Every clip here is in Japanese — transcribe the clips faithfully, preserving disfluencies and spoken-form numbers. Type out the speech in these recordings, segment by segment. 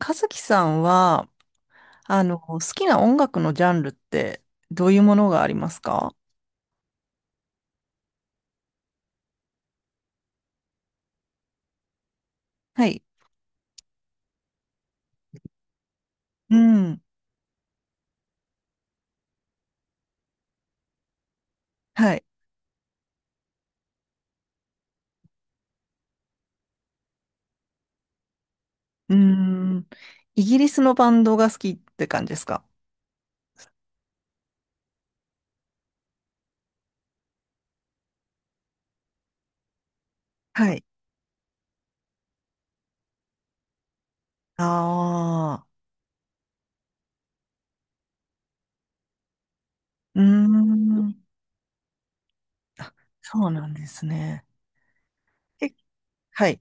和樹さんは、あの、好きな音楽のジャンルってどういうものがありますか？はい。うん。はい。うん。イギリスのバンドが好きって感じですか？はい。ああ、うーん。あ、そうなんですね。え、はい。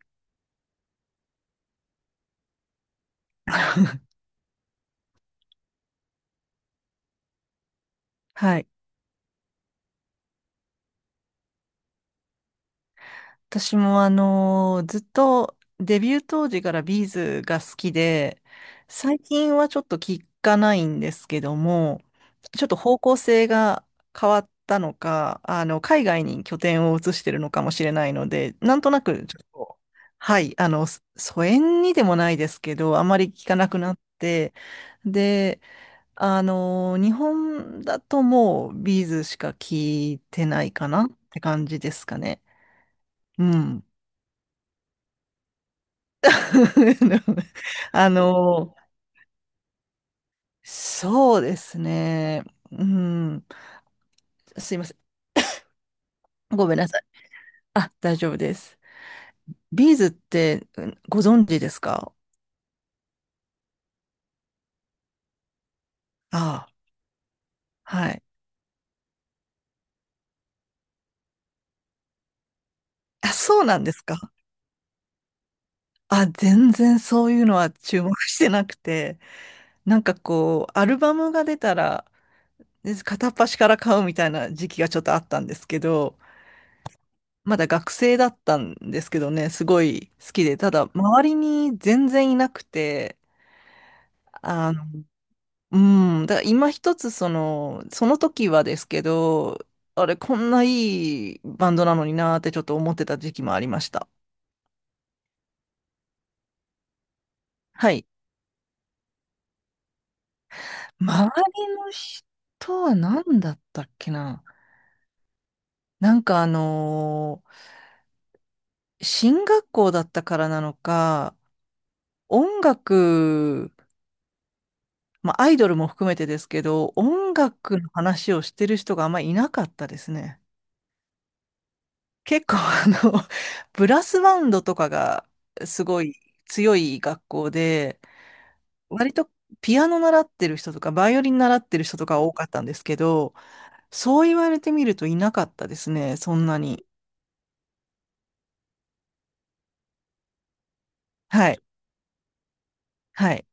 はい。私もあのーずっとデビュー当時からビーズが好きで、最近はちょっと聞かないんですけども、ちょっと方向性が変わったのか、あの、海外に拠点を移してるのかもしれないので、なんとなくちょっと、はい、あの、そ疎遠にでもないですけど、あまり聞かなくなって、で、あのー日本だともうビーズしか聞いてないかなって感じですかね。うん。あの、そうですね。うん。すいません。ごめんなさい。あ、大丈夫です。ビーズってうんご存知ですか？ああ、はい。あ、そうなんですか？あ、全然そういうのは注目してなくて、なんかこう、アルバムが出たら、で片っ端から買うみたいな時期がちょっとあったんですけど、まだ学生だったんですけどね、すごい好きで、ただ周りに全然いなくて、あの、うん、だから今一つその、その時はですけど、あれ、こんないいバンドなのになーってちょっと思ってた時期もありました。はい。周りの人は何だったっけな。なんかあのー進学校だったからなのか、音楽、まあアイドルも含めてですけど、音楽の話をしてる人があんまりいなかったですね。結構あの、ブラスバンドとかがすごい強い学校で、割とピアノ習ってる人とか、バイオリン習ってる人とか多かったんですけど、そう言われてみるといなかったですね、そんなに。はい。はい。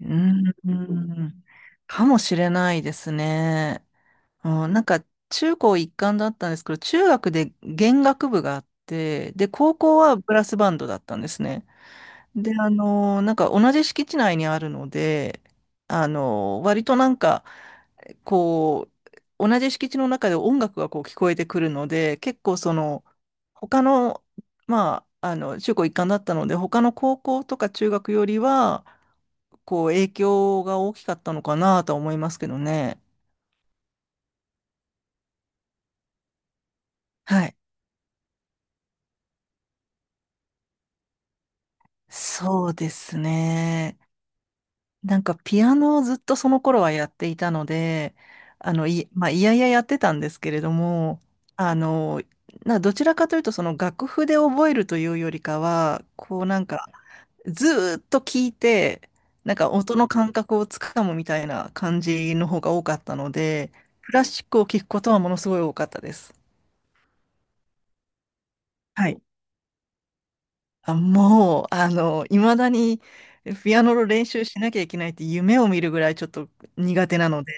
うーん。かもしれないですね。うん、なんか、中高一貫だったんですけど、中学で弦楽部があって、で、高校はブラスバンドだったんですね。で、あの、なんか同じ敷地内にあるので、あの、割となんか、こう、同じ敷地の中で音楽がこう聞こえてくるので、結構その、他の、まあ、あの、中高一貫だったので、他の高校とか中学よりは、こう、影響が大きかったのかなとは思いますけどね。はい。そうですね。なんかピアノをずっとその頃はやっていたので、あの、い、まあ、いやいややってたんですけれども、あの、などちらかというとその楽譜で覚えるというよりかは、こうなんかずーっと聞いて、なんか音の感覚をつかむみたいな感じの方が多かったので、クラシックを聞くことはものすごい多かったです。はい。あ、もう、あの、いまだにピアノの練習しなきゃいけないって夢を見るぐらいちょっと苦手なので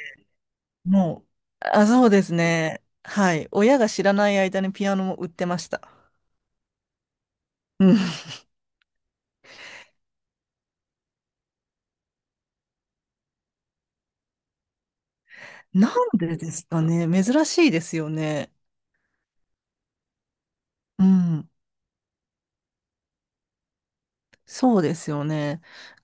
もう、あ、そうですね。はい。親が知らない間にピアノも売ってました。うん。なんでですかね。珍しいですよね。うん。そうですよね。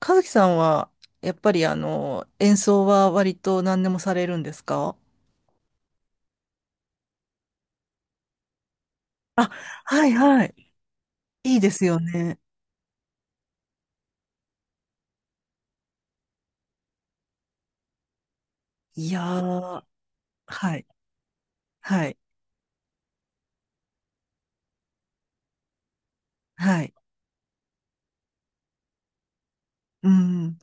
和樹さんは、やっぱりあの、演奏は割と何でもされるんですか？あ、はいはい。いいですよね。いやー、はい、はい、はい。うん。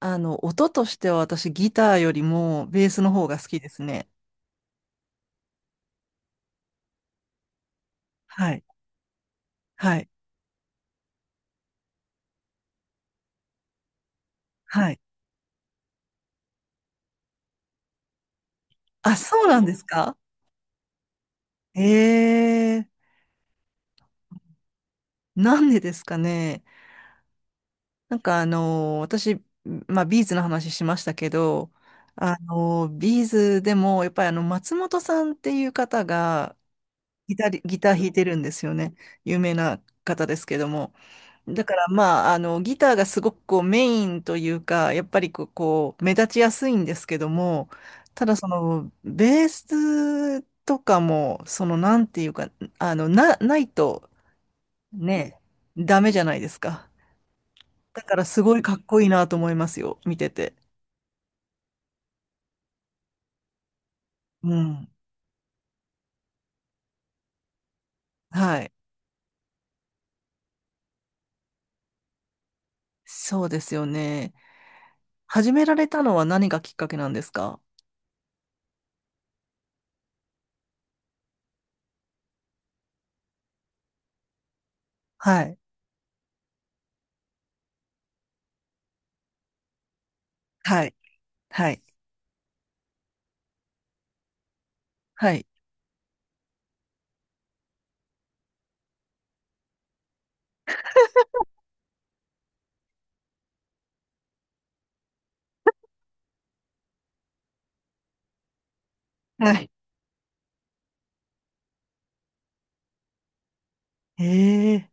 あの、音としては私ギターよりもベースの方が好きですね。はい、はい、はい。あ、そうなんですか？ええ、なんでですかね。なんかあのー私、まあビーズの話しましたけど、あのービーズでもやっぱりあの松本さんっていう方がギタリ、ギター弾いてるんですよね。有名な方ですけども。だからまあ、あの、ギターがすごくこうメインというか、やっぱりこう、こう目立ちやすいんですけども、ただその、ベースとかも、その、なんていうか、あの、な、ないと、ねえ、ダメじゃないですか。だからすごいかっこいいなと思いますよ、見てて。うん。はい。そうですよね。始められたのは何がきっかけなんですか？はい。はい。はい。はい。はい。ええ。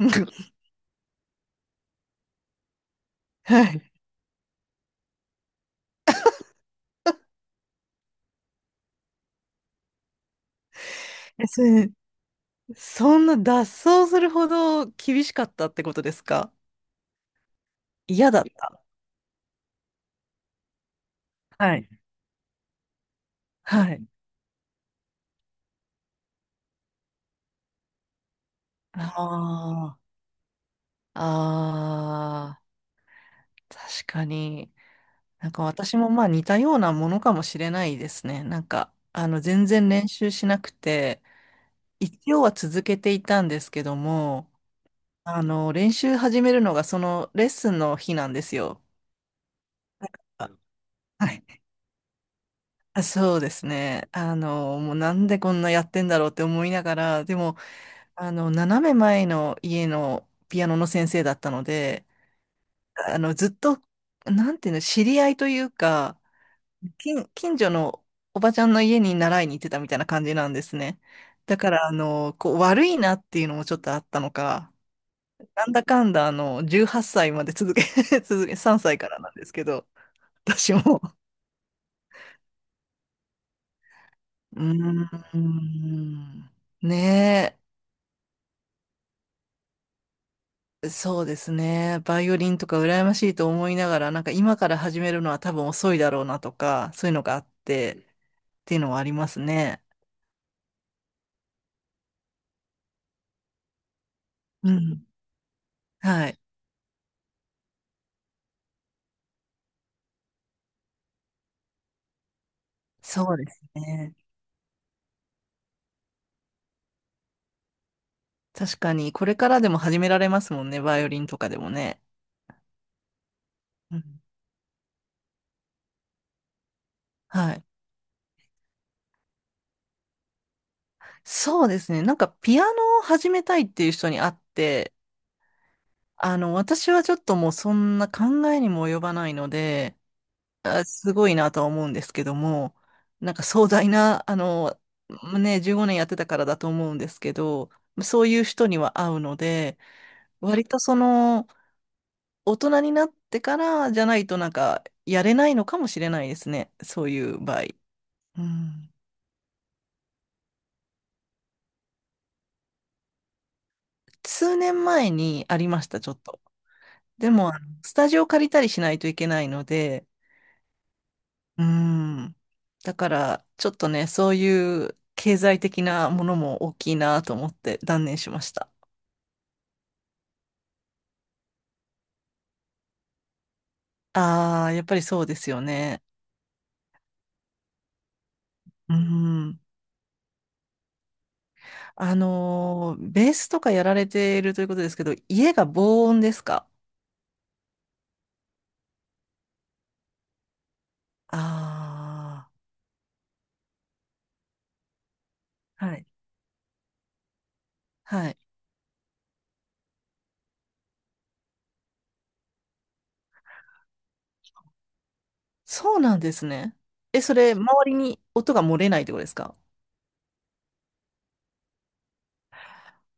はい。え、それ、そんな脱走するほど厳しかったってことですか？嫌だった。はい。はい。ああ。ああ。確かに。なんか私もまあ似たようなものかもしれないですね。なんか、あの、全然練習しなくて、一応は続けていたんですけども、あの、練習始めるのがそのレッスンの日なんですよ。あ、はい。あ、そうですね。あの、もうなんでこんなやってんだろうって思いながら、でも、あの、斜め前の家のピアノの先生だったので、あの、ずっと、なんていうの、知り合いというか、近、近所のおばちゃんの家に習いに行ってたみたいな感じなんですね。だから、あの、こう、悪いなっていうのもちょっとあったのか、なんだかんだ、あの、じゅうはっさいまで続け、続け、さんさいからなんですけど、私も。うーん。ねえ、そうですね。バイオリンとか羨ましいと思いながら、なんか今から始めるのは多分遅いだろうなとか、そういうのがあって、っていうのはありますね。うん。はい。そうですね。確かに、これからでも始められますもんね、バイオリンとかでもね。うん。はい。そうですね。なんか、ピアノを始めたいっていう人に会って、あの、私はちょっともうそんな考えにも及ばないので、あ、すごいなとは思うんですけども、なんか壮大な、あの、ね、じゅうごねんやってたからだと思うんですけど、そういう人には会うので、割とその、大人になってからじゃないとなんか、やれないのかもしれないですね。そういう場合。うん。数年前にありました、ちょっと。でも、あのスタジオ借りたりしないといけないので、うーん。だから、ちょっとね、そういう経済的なものも大きいなと思って断念しました。ああ、やっぱりそうですよね。うん。あのーベースとかやられているということですけど、家が防音ですか？ああー、はい。はい。そうなんですね。え、それ、周りに音が漏れないってことですか？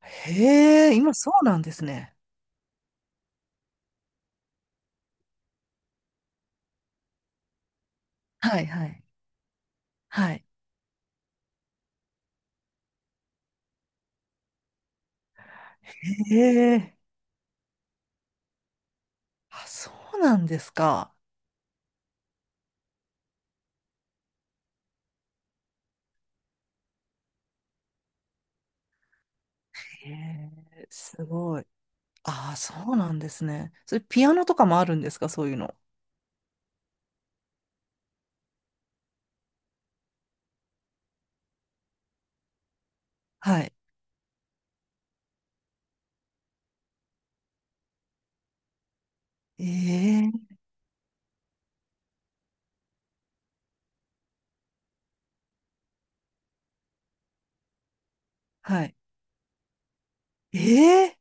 へえ、今そうなんですね。はいはい。はい。ええ。あ、そうなんですか。ええ、すごい。ああ、そうなんですね。それピアノとかもあるんですか、そういうの。はい。ええ。はい。え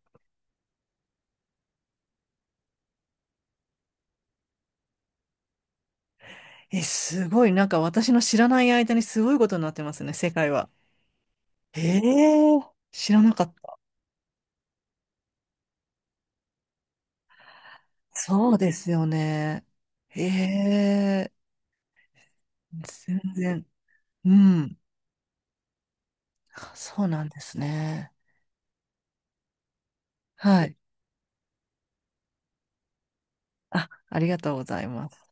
ええ、すごい。なんか私の知らない間にすごいことになってますね、世界は。ええ、知らなかった。そうですよね。ええ、全然。うん。そうなんですね。はい。あ、ありがとうございます。